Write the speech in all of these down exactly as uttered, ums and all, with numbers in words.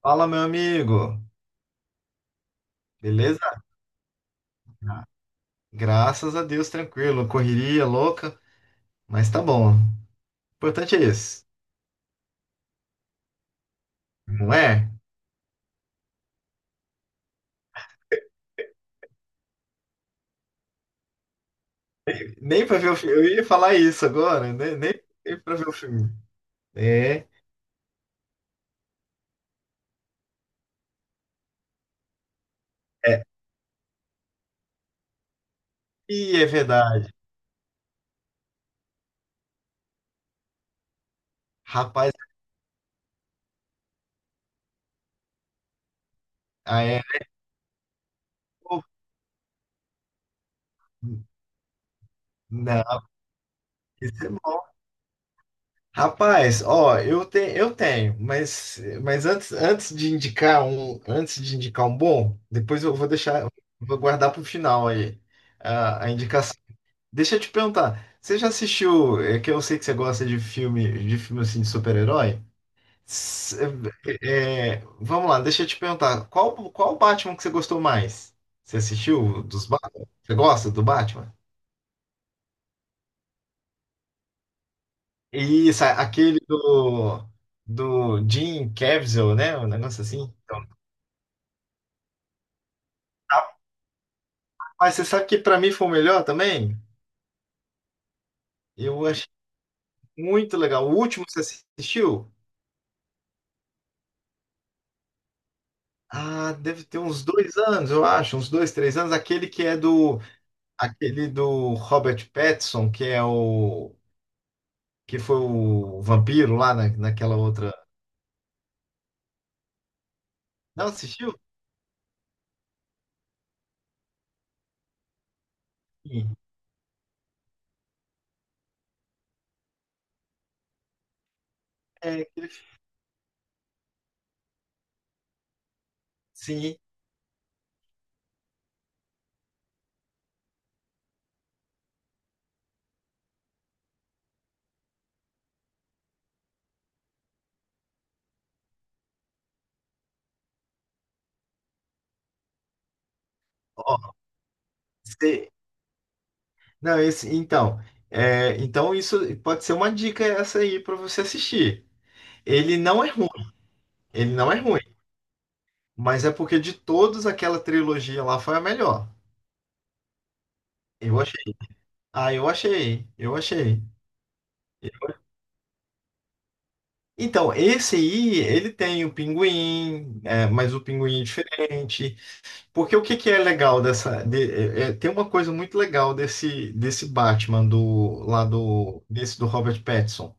Fala, meu amigo. Beleza? Graças a Deus, tranquilo. Correria louca, mas tá bom. O importante é isso, não é? Nem pra ver o filme. Eu ia falar isso agora, né? Nem, nem pra ver o filme. É, é. E é verdade. Rapaz, ah, é. Pô, não, isso é bom. Rapaz, ó, eu, te, eu tenho, mas, mas antes, antes de indicar um, antes de indicar um bom, depois eu vou deixar, vou guardar pro final aí, a, a indicação. Deixa eu te perguntar, você já assistiu, é que eu sei que você gosta de filme, de filme assim de super-herói? S- é, é, vamos lá, deixa eu te perguntar, qual qual Batman que você gostou mais? Você assistiu dos Batman? Você gosta do Batman? Isso, aquele do do Jim Caviezel, né? Um negócio assim. Mas você sabe que pra mim foi o melhor também? Eu achei muito legal. O último você assistiu? Ah, deve ter uns dois anos, eu acho, uns dois, três anos. Aquele que é do Aquele do Robert Pattinson, que é o que foi o vampiro lá na, naquela outra. Não assistiu? Sim. É, aquele fi- sim. Ó, se- Não, esse, então, é, então isso pode ser uma dica essa aí para você assistir. Ele não é ruim, ele não é ruim, mas é porque de todos aquela trilogia lá foi a melhor. Eu achei. Ah, eu achei, eu achei. Então, esse aí, ele tem o pinguim, é, mas o pinguim é diferente. Porque o que que é legal dessa. de- é- é- Tem uma coisa muito legal desse, desse Batman do lá do desse do Robert Pattinson.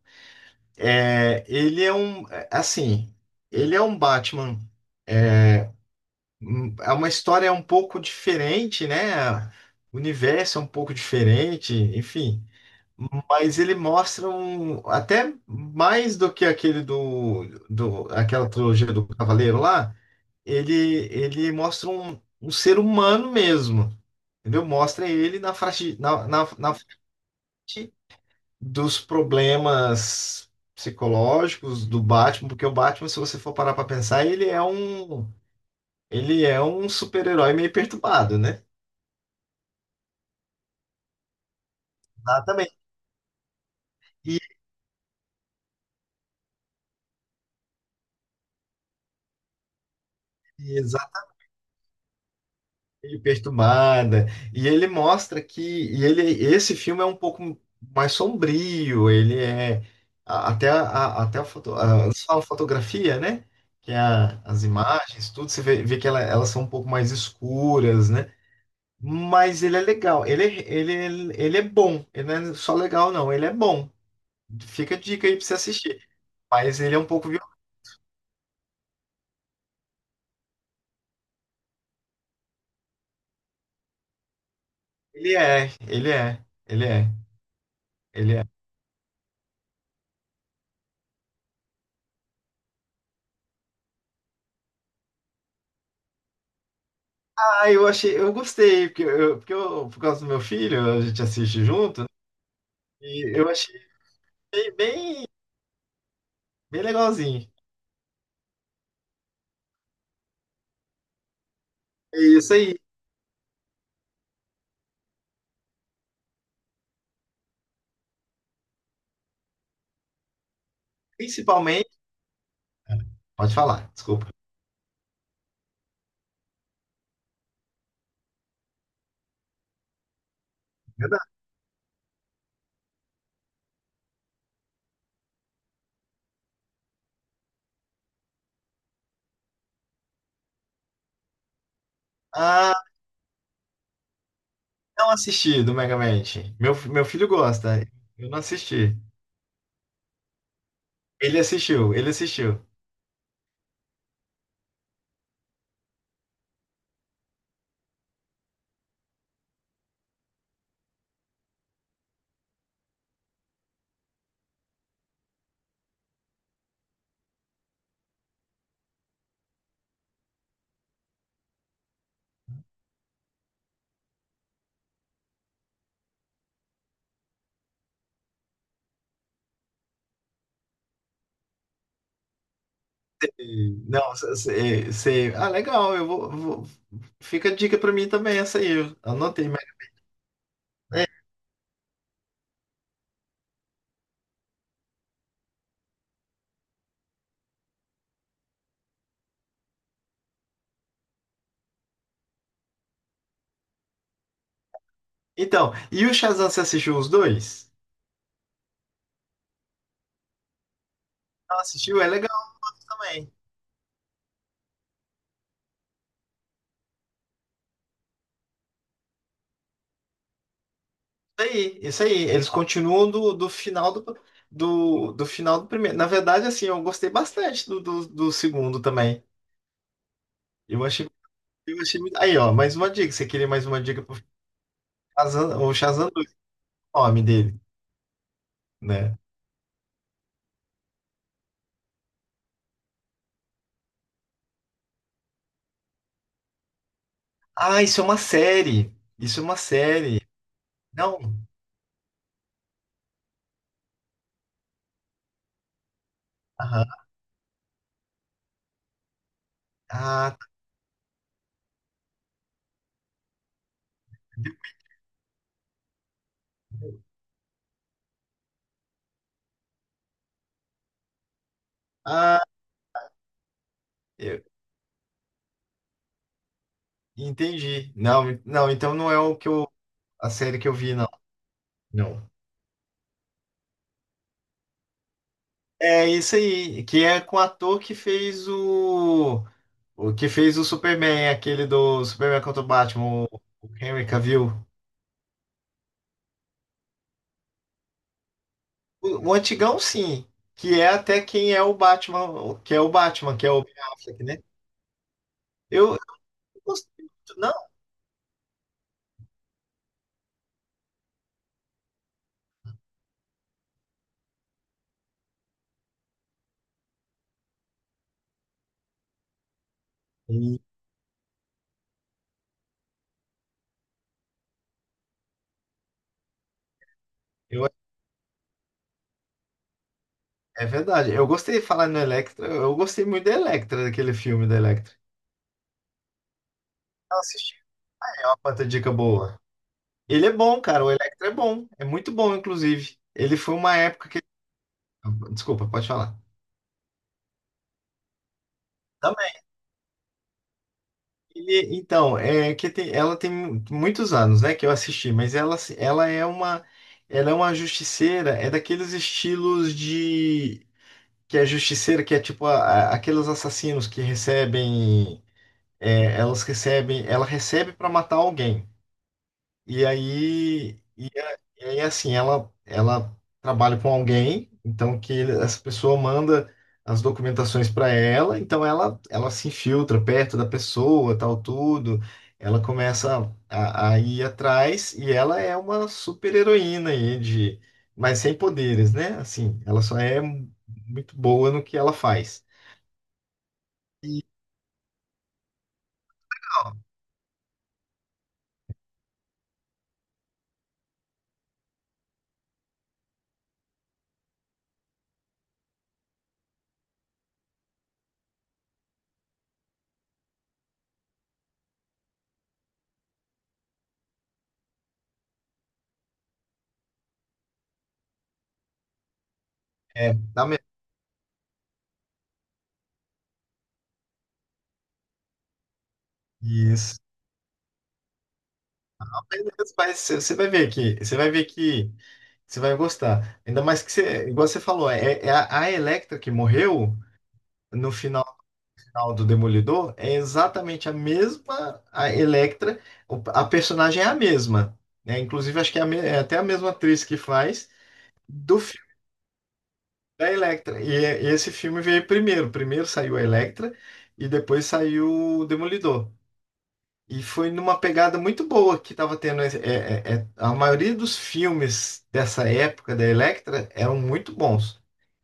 É, ele é um é, assim, ele é um Batman. é, hum, É uma história um pouco diferente, né? O universo é um pouco diferente, enfim. Mas ele mostra um, até mais do que aquele do, do aquela trilogia do Cavaleiro lá. Ele ele mostra um, um ser humano mesmo, entendeu? Mostra ele na frente, na, na, na frente dos problemas psicológicos do Batman, porque o Batman, se você for parar para pensar, ele é um, ele é um super-herói meio perturbado, né? Exatamente. E, e exa- meio perturbada. E ele mostra que e ele, esse filme é um pouco mais sombrio, ele é a- até a, a- até a, foto, a, eles falam fotografia, né? Que é a- as imagens, tudo, você vê, vê que ela- elas são um pouco mais escuras, né? Mas ele é legal, ele, é- ele, é- ele é bom, ele não é só legal, não, ele é bom. Fica a dica aí pra você assistir. Mas ele é um pouco violento. Ele é, ele é, ele é, ele é. Ah, eu achei, eu gostei, porque eu, porque eu- por causa do meu filho, a gente assiste junto, e eu achei bem, bem, bem legalzinho. É isso aí. Principalmente. Pode falar, desculpa. Verdade. Ah, não assisti do Mega Man. Meu, meu filho gosta, eu não assisti. Ele assistiu, ele assistiu. Não, você. Ah, legal, eu vou, vou- fica a dica pra mim também, essa aí. Eu anotei, mas é. Então, e o Shazam, você assistiu os dois? Não assistiu? É legal também. Isso aí, isso aí. Eles continuam do, do final do, do, do final do primeiro. Na verdade, assim, eu gostei bastante do, do, do segundo também. Eu achei, eu achei muito. Aí, ó, mais uma dica. Você queria mais uma dica pro Shazam, o Shazam dois o nome dele, né? Ah, isso é uma série. Isso é uma série. Não? Aham. Ah, Ah, eu entendi. Não, não, então não é o que eu, a série que eu vi, não. Não. É isso aí, que é com o ator que fez o, o que fez o Superman, aquele do Superman contra o Batman, o, o Henry Cavill. O, o antigão, sim, que é até quem é o Batman, o- que é o Batman, que é o Ben Affleck, né? Eu, eu não gostei muito, não. E eu, é verdade, eu gostei de falar no Electra, eu gostei muito da Electra, daquele filme da Electra. Eu assisti, é uma puta dica boa. Ele é bom, cara. O Electra é bom. É muito bom, inclusive. Ele foi uma época que. Desculpa, pode falar. Também. Ele- então, é que tem- ela tem muitos anos, né, que eu assisti, mas ela, se- ela é uma. Ela é uma justiceira, é daqueles estilos de. Que é justiceira, que é tipo a- a- aqueles assassinos que recebem. É, elas recebem. Ela recebe para matar alguém. E aí. E aí, assim, ela, ela trabalha com alguém, então que ele- essa pessoa manda as documentações para ela, então ela, ela se infiltra perto da pessoa, tal, tudo. Ela começa a, a ir atrás e ela é uma super-heroína aí de, mas sem poderes, né? Assim, ela só é muito boa no que ela faz. E, é, dá mesmo. Mas você você vai ver que, você vai ver que você vai gostar. Ainda mais que você, igual você falou, é, é a, a Electra que morreu no final, final do Demolidor é exatamente a mesma a Electra, o- a personagem é a mesma, né? Inclusive acho que é, a me- é até a mesma atriz que faz do filme da Electra. E, é- e esse filme veio primeiro, primeiro saiu a Electra e depois saiu o Demolidor. E foi numa pegada muito boa que estava tendo. É, é- é- a maioria dos filmes dessa época da Electra eram muito bons.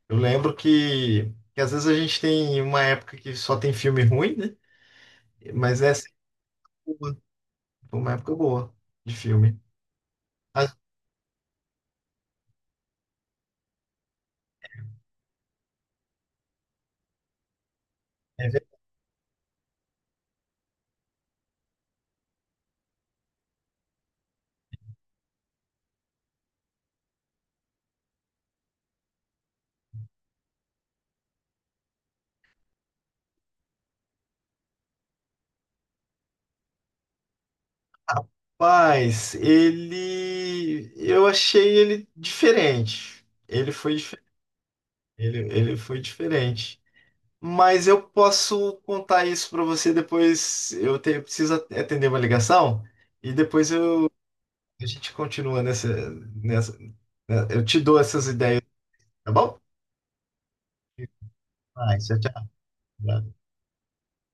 Eu lembro que, que às vezes a gente tem uma época que só tem filme ruim, né? Mas essa foi uma foi uma época boa de filme. A- é, Mas ele. Eu achei ele diferente. Ele foi, dif- ele, ele foi diferente. Mas eu posso contar isso para você depois. Eu, te- eu preciso atender uma ligação e depois eu, a gente continua nessa, nessa. Né, eu te dou essas ideias, tá bom? Ah, tchau, tchau.